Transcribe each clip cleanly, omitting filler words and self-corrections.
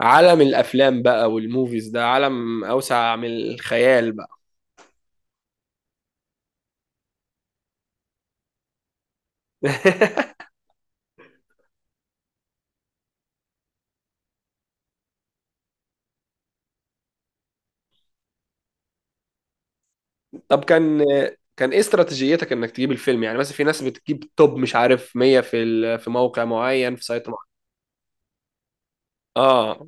عالم الافلام بقى والموفيز ده عالم اوسع من الخيال بقى. طب كان ايه استراتيجيتك انك تجيب الفيلم؟ يعني مثلا في ناس بتجيب توب، مش عارف، 100 في موقع معين، في سايت معين. اه،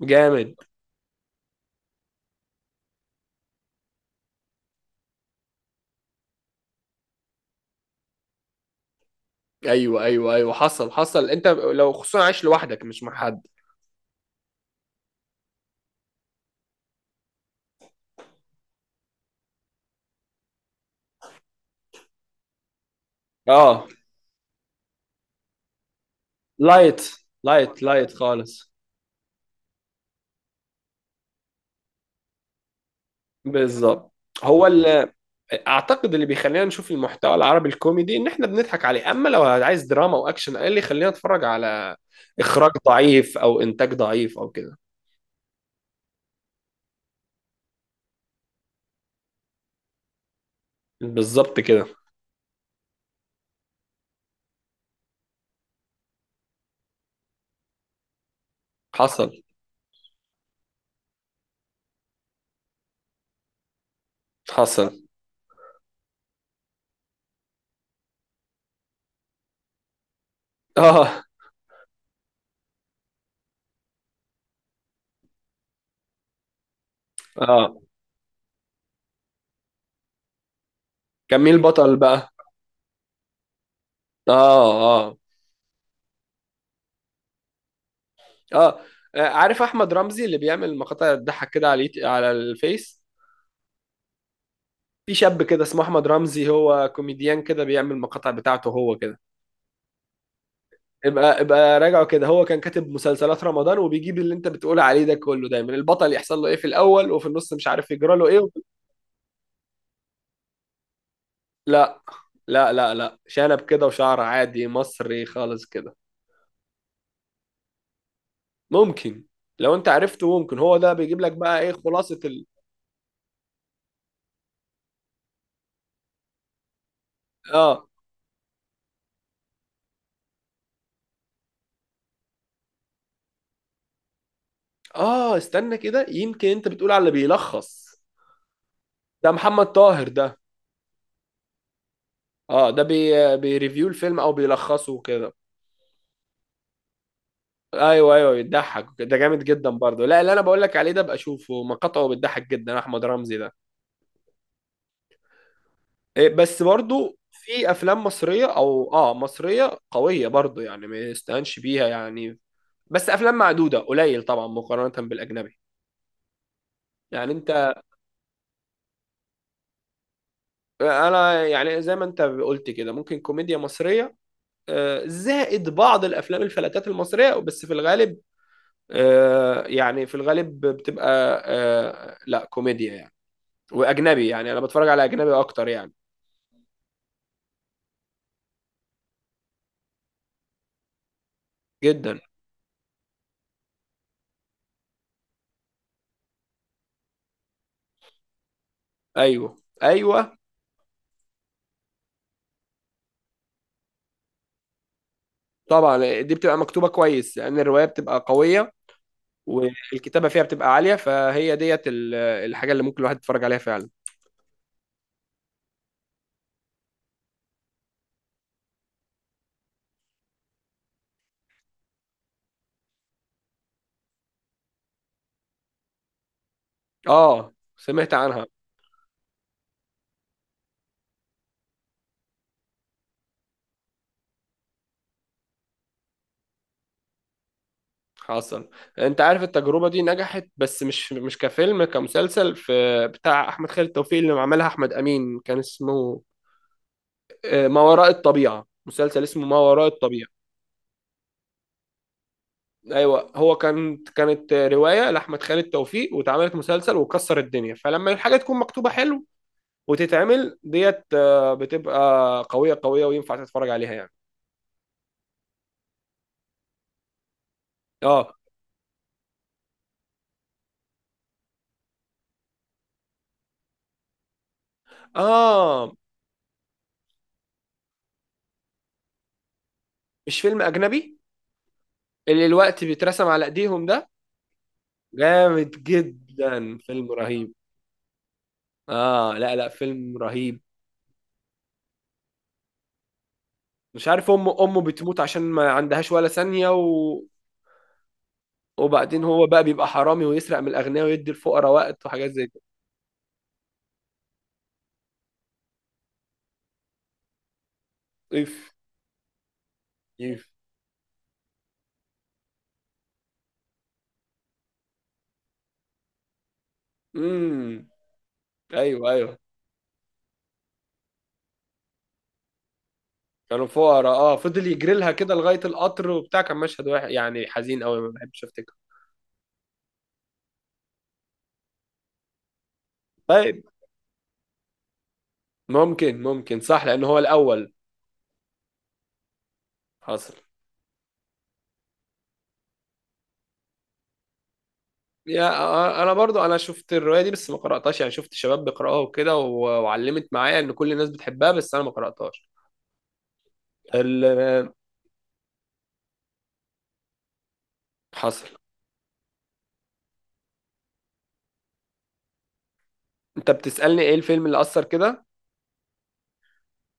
جامد. ايوه، ايوه، ايوه. حصل، حصل. انت لو خصوصا عايش لوحدك مش مع حد. اه، لايت، لايت، لايت خالص. بالظبط. هو ال اعتقد اللي بيخلينا نشوف المحتوى العربي الكوميدي ان احنا بنضحك عليه، اما لو عايز دراما واكشن ايه اللي يخلينا نتفرج على اخراج ضعيف او انتاج ضعيف او كده. بالظبط كده. حصل، حصل. اه، اه. كان مين البطل بقى؟ اه، اه، اه. عارف احمد رمزي اللي بيعمل مقاطع تضحك كده على على الفيس. في شاب كده اسمه احمد رمزي، هو كوميديان كده بيعمل مقاطع بتاعته هو كده. ابقى ابقى راجعه كده. هو كان كاتب مسلسلات رمضان، وبيجيب اللي انت بتقول عليه ده كله، دايما البطل يحصل له ايه في الاول، وفي النص مش عارف يجرى له ايه، لا، لا، لا، لا. شنب كده وشعر عادي مصري خالص كده. ممكن. لو انت عرفته ممكن هو ده بيجيب لك بقى ايه خلاصة اه، اه. استنى كده، يمكن انت بتقول على اللي بيلخص. ده محمد طاهر ده. اه، ده بيريفيو الفيلم او بيلخصه كده. ايوه، ايوه، بيضحك ده جامد جدا برضه. لا، اللي انا بقول لك عليه ده بقى اشوفه، مقاطعه بتضحك جدا، احمد رمزي ده. إيه، بس برضه في افلام مصريه، او مصريه قويه برضه، يعني ما يستهانش بيها يعني. بس افلام معدوده قليل طبعا مقارنه بالاجنبي. يعني انت. انا يعني زي ما انت قلت كده، ممكن كوميديا مصريه زائد بعض الافلام الفلاتات المصريه، بس في الغالب يعني في الغالب بتبقى، لا كوميديا يعني. واجنبي يعني، انا بتفرج على اجنبي اكتر يعني. جدا. ايوه، ايوه. طبعا دي بتبقى مكتوبه كويس، لان الروايه بتبقى قويه. والكتابه فيها بتبقى عاليه، فهي ديت الحاجه اللي ممكن الواحد يتفرج عليها فعلا. اه، سمعت عنها. حصل. انت عارف التجربه دي نجحت، بس مش كفيلم، كمسلسل، في بتاع احمد خالد توفيق اللي عملها احمد امين، كان اسمه ما وراء الطبيعه، مسلسل اسمه ما وراء الطبيعه. ايوه، هو كانت روايه لاحمد خالد توفيق، واتعملت مسلسل وكسر الدنيا. فلما الحاجه تكون مكتوبه حلو وتتعمل ديت، بتبقى قويه قويه، وينفع تتفرج عليها يعني. اه، اه. مش فيلم اجنبي، اللي الوقت بيترسم على ايديهم ده؟ جامد جدا، فيلم رهيب. اه، لا، لا، فيلم رهيب. مش عارف، امه بتموت عشان ما عندهاش ولا ثانيه، وبعدين هو بقى بيبقى حرامي ويسرق من الاغنياء ويدي الفقراء وقت، وحاجات زي كده. اف. اف. امم. ايوه، ايوه. كانوا فقراء. اه، فضل يجري لها كده لغايه القطر وبتاع. كان مشهد واحد يعني حزين قوي ما بحبش افتكره. طيب، ممكن صح، لان هو الاول. حصل. يا آه، آه، انا برضو انا شفت الروايه دي بس ما قراتهاش، يعني شفت شباب بيقراوها وكده وعلمت معايا ان كل الناس بتحبها، بس انا ما قراتهاش. ال- حصل. انت بتسالني ايه الفيلم اللي اثر كده؟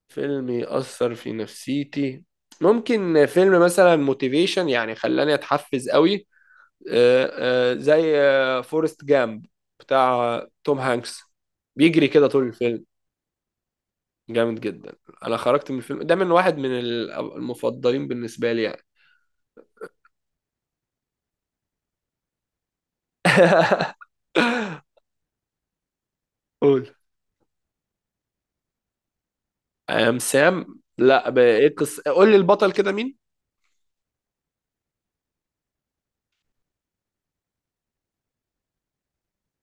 فيلم يأثر في نفسيتي. ممكن فيلم مثلا موتيفيشن، يعني خلاني اتحفز قوي. آه، زي فورست جامب، بتاع توم هانكس، بيجري كده طول الفيلم. جامد جدا. انا خرجت من الفيلم ده من واحد من المفضلين بالنسبه لي يعني. قول. ام سام؟ لا، ايه القصه؟ قول لي البطل كده مين؟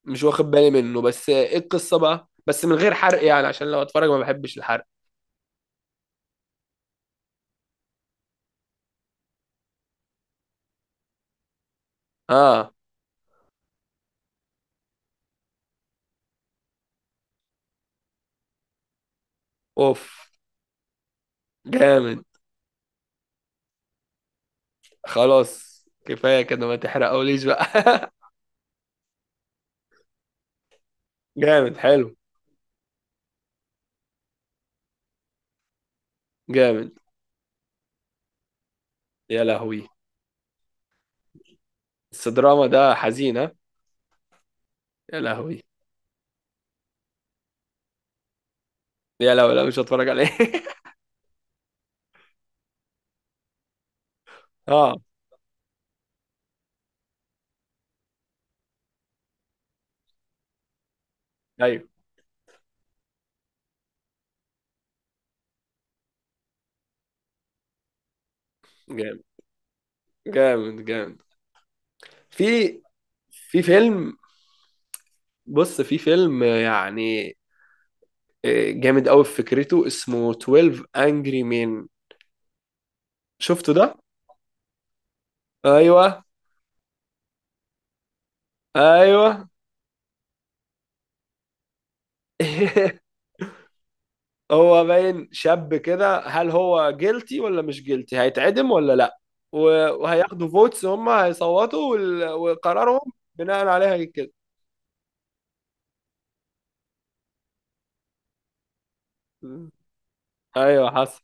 مش واخد بالي منه، بس ايه القصه بقى، بس من غير حرق يعني، عشان لو اتفرج ما بحبش الحرق. اه. اوف. جامد. خلاص، كفايه كده، ما تحرقوليش بقى. جامد، حلو. جامد. يا لهوي. بس دراما ده حزينة. يا لهوي. يا لهوي، لا، مش هتفرج عليه. اه. ايوه، جامد، جامد، جامد. في في فيلم. بص، في فيلم يعني جامد قوي في فكرته، اسمه 12 Angry Men. شفته ده؟ ايوه، ايوه. هو باين شاب كده، هل هو جيلتي ولا مش جيلتي؟ هيتعدم ولا لا؟ و- وهياخدوا فوتس، هم هيصوتوا وقرارهم بناء عليها كده. ايوه، حصل.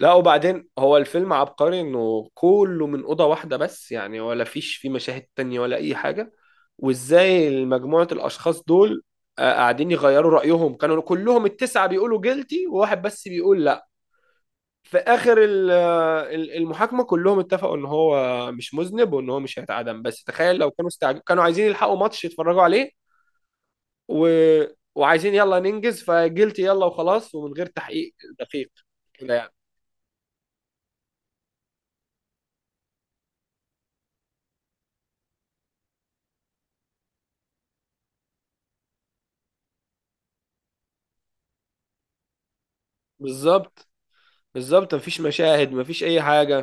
لا، وبعدين هو الفيلم عبقري انه كله من اوضه واحده بس يعني، ولا فيش فيه مشاهد تانية ولا اي حاجه. وازاي مجموعه الاشخاص دول قاعدين يغيروا رايهم؟ كانوا كلهم التسعه بيقولوا جيلتي، وواحد بس بيقول لا. في اخر المحاكمه، كلهم اتفقوا ان هو مش مذنب وان هو مش هيتعدم. بس تخيل لو كانوا كانوا عايزين يلحقوا ماتش يتفرجوا عليه و... وعايزين يلا ننجز فجيلتي، يلا وخلاص، ومن غير تحقيق دقيق كده يعني. بالظبط، بالظبط. مفيش مشاهد، مفيش اي حاجة.